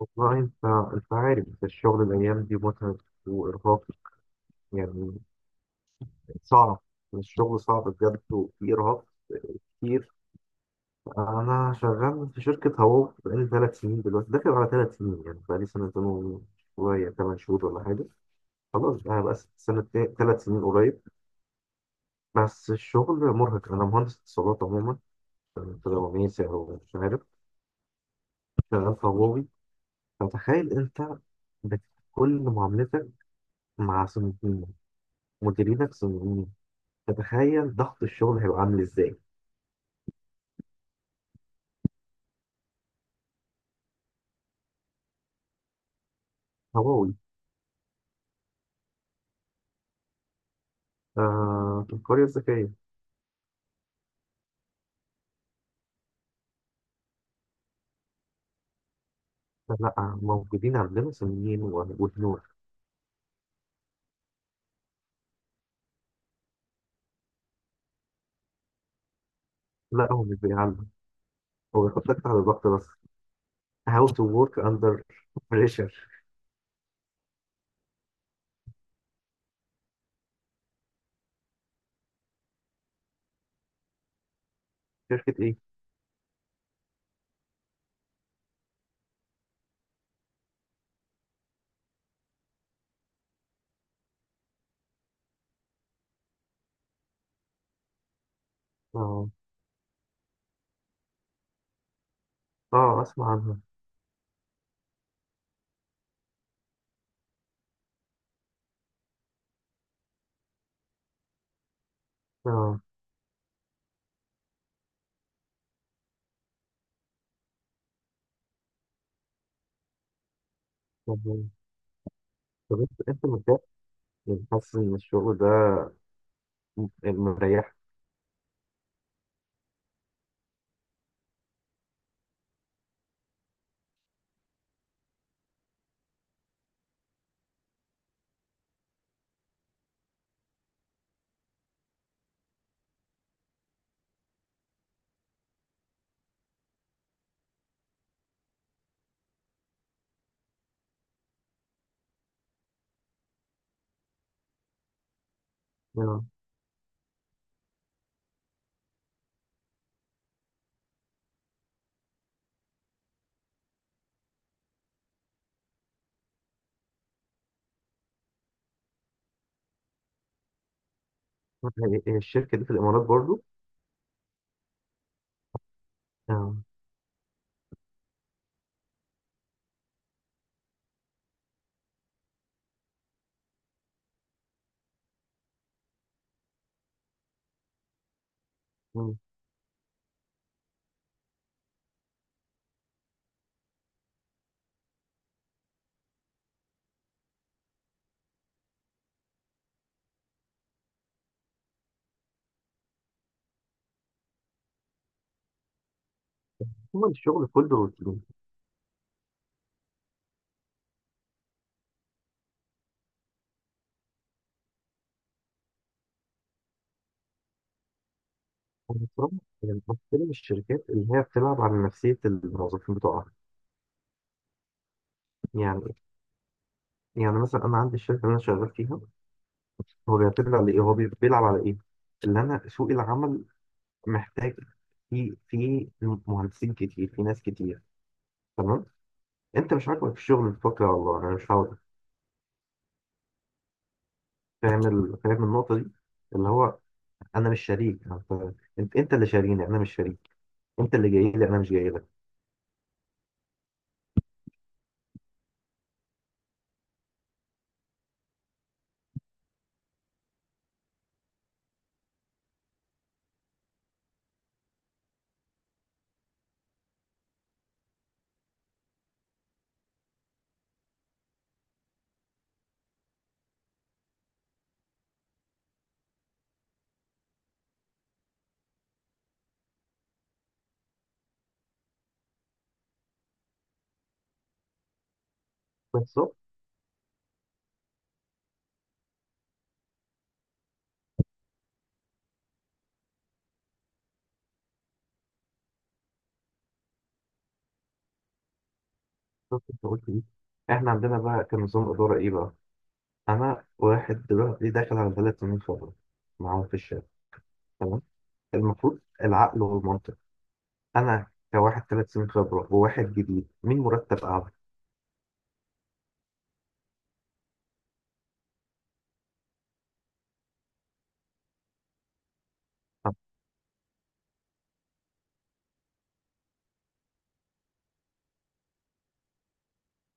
والله. انت عارف الشغل الايام دي متعب وارهاق، يعني صعب. الشغل صعب بجد، وفي ارهاق كتير. انا شغال في شركه هواو بقالي ثلاث سنين، دلوقتي داخل على ثلاث سنين، يعني بقالي سنتين وشويه، ثمان شهور ولا حاجه. خلاص بقى بقى سنه، ثلاث سنين قريب. بس الشغل مرهق، انا مهندس اتصالات عموما، بيزنس او مش عارف، شغال في هواوي. فتخيل انت، بت- كل معاملتك مع صندوقين، مديرينك صندوقين، تتخيل ضغط الشغل هيبقى عامل ازاي؟ هواوي. آه، في القرية الذكية. لا، موجودين عندنا صينيين وهنود. لا، هو مش بيعلم، هو بيحطك تحت ضغط بس. How to work under pressure. شركة ايه؟ اه، اه، اسمع عنها. اه. طب طب، انت متضايق، يعني حاسس ان الشغل ده مريح؟ اه، هي الشركة دي في الامارات برضو؟ اه. مم. هو الشغل كله روتين. أنا بصراحة يعني بحترم الشركات اللي هي بتلعب على نفسية الموظفين بتوعها. يعني يعني مثلا، انا عندي الشركه اللي انا شغال فيها، هو بيعتمد على ايه، هو بيلعب على ايه؟ اللي انا، سوق العمل محتاج في مهندسين كتير، في ناس كتير، تمام. انت مش عاجبك في الشغل الفتره، والله انا مش عاوز. فاهم النقطه دي، اللي هو انا مش شريك. انت اللي شاريني، انا مش شريك. انت اللي جاي لي، انا مش جاي لك. بالظبط. بالظبط انت قلت ايه؟ احنا عندنا بقى كان نظام اداره ايه بقى؟ انا واحد دلوقتي داخل على ثلاث سنين خبره معاهم في الشركه، المفروض، العقل والمنطق، انا كواحد ثلاث سنين خبره وواحد جديد، مين مرتب اعلى؟ طب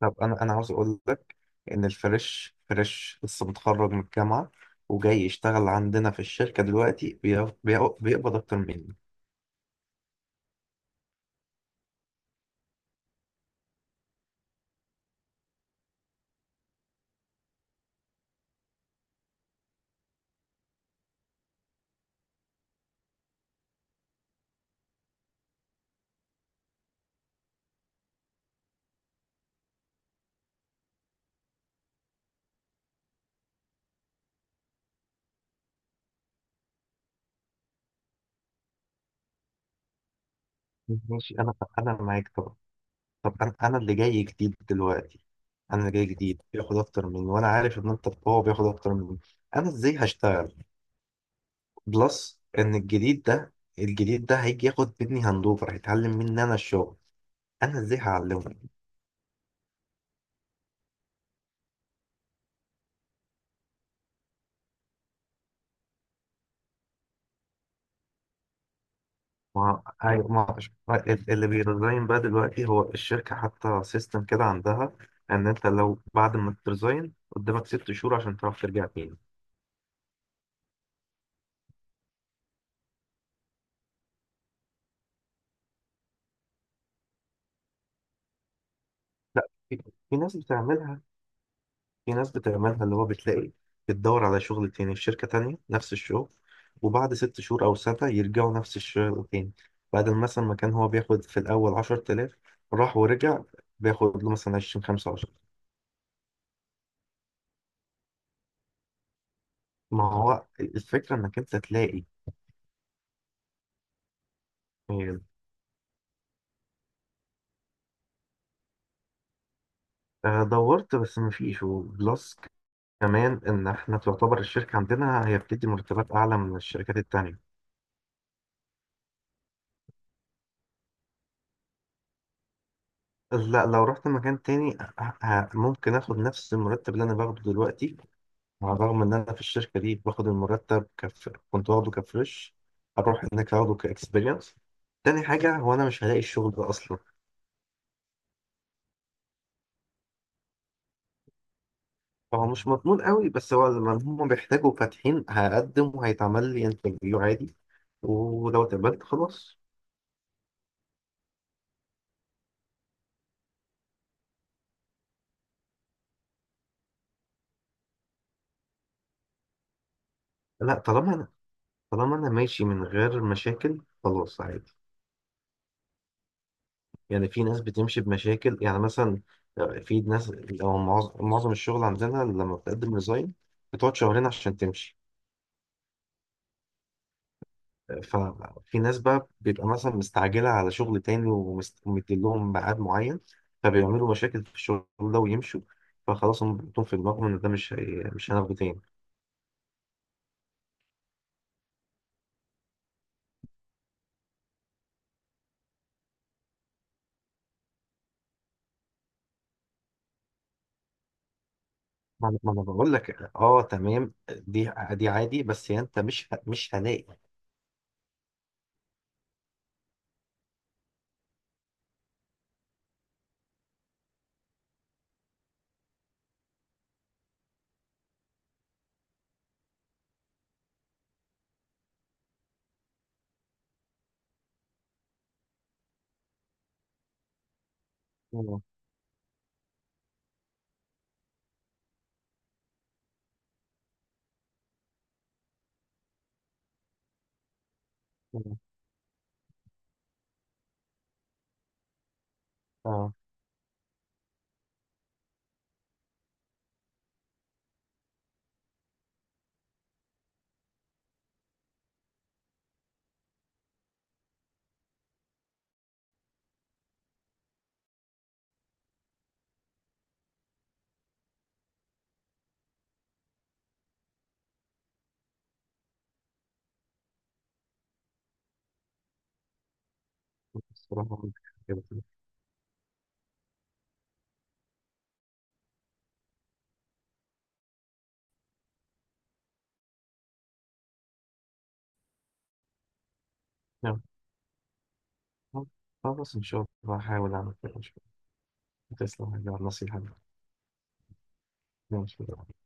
طب، انا عاوز اقول لك ان فريش لسه متخرج من الجامعه، وجاي يشتغل عندنا في الشركه دلوقتي، بيقبض اكتر مني. ماشي. انا معاك طبعا. طب، انا اللي جاي جديد دلوقتي، انا اللي جاي جديد بياخد اكتر مني، وانا عارف ان انت هو بياخد اكتر مني. انا ازاي هشتغل؟ بلس ان الجديد ده هيجي ياخد مني هاندوفر، هيتعلم مني انا الشغل، انا ازاي هعلمه؟ ما أيوة، ما اللي بيرزاين بقى دلوقتي، هو الشركه حتى سيستم كده عندها ان انت لو بعد ما ترزاين قدامك ست شهور عشان تعرف ترجع تاني. لا، في في ناس بتعملها في ناس بتعملها اللي هو بتلاقي، بتدور على شغل تاني في شركه تانيه نفس الشغل، وبعد ست شهور او سنه يرجعوا نفس الشغل تاني. بدل مثلا ما كان هو بياخد في الاول 10000، راح ورجع بياخد له مثلا 20 25. ما هو الفكره انك انت تلاقي. آه، دورت بس مفيش. وبلس كمان ان احنا تعتبر الشركة عندنا هي بتدي مرتبات اعلى من الشركات التانية. لا، لو رحت مكان تاني ممكن اخد نفس المرتب اللي انا باخده دلوقتي، على الرغم ان انا في الشركة دي باخد المرتب، كنت واخده كفريش، اروح هناك اخده كاكسبيرينس. تاني حاجة، هو انا مش هلاقي الشغل ده اصلا. هو مش مضمون قوي، بس هو لما هم بيحتاجوا فاتحين هقدم وهيتعمل لي انترفيو عادي، ولو اتقبلت خلاص. لا، طالما انا ماشي من غير مشاكل، خلاص عادي. يعني في ناس بتمشي بمشاكل، يعني مثلا، آه، في ناس لو معظم الشغل عندنا لما بتقدم ريزاين بتقعد شهرين عشان تمشي. ففي ناس بقى بيبقى مثلا مستعجلة على شغل تاني، ومديلهم ميعاد معين، فبيعملوا مشاكل في الشغل ده ويمشوا، فخلاص هم بيحطوهم في دماغهم ان ده مش هناخده تاني. ما أنا بقول لك، اه، تمام، دي عادي، بس يعني انت مش هلاقي. اه. آه، آه. الصراحة كنت كده كده. نعم. خلاص إن شاء الله هحاول أعمل كده، إن شاء الله. تسلم يا نصيحة. ماشي.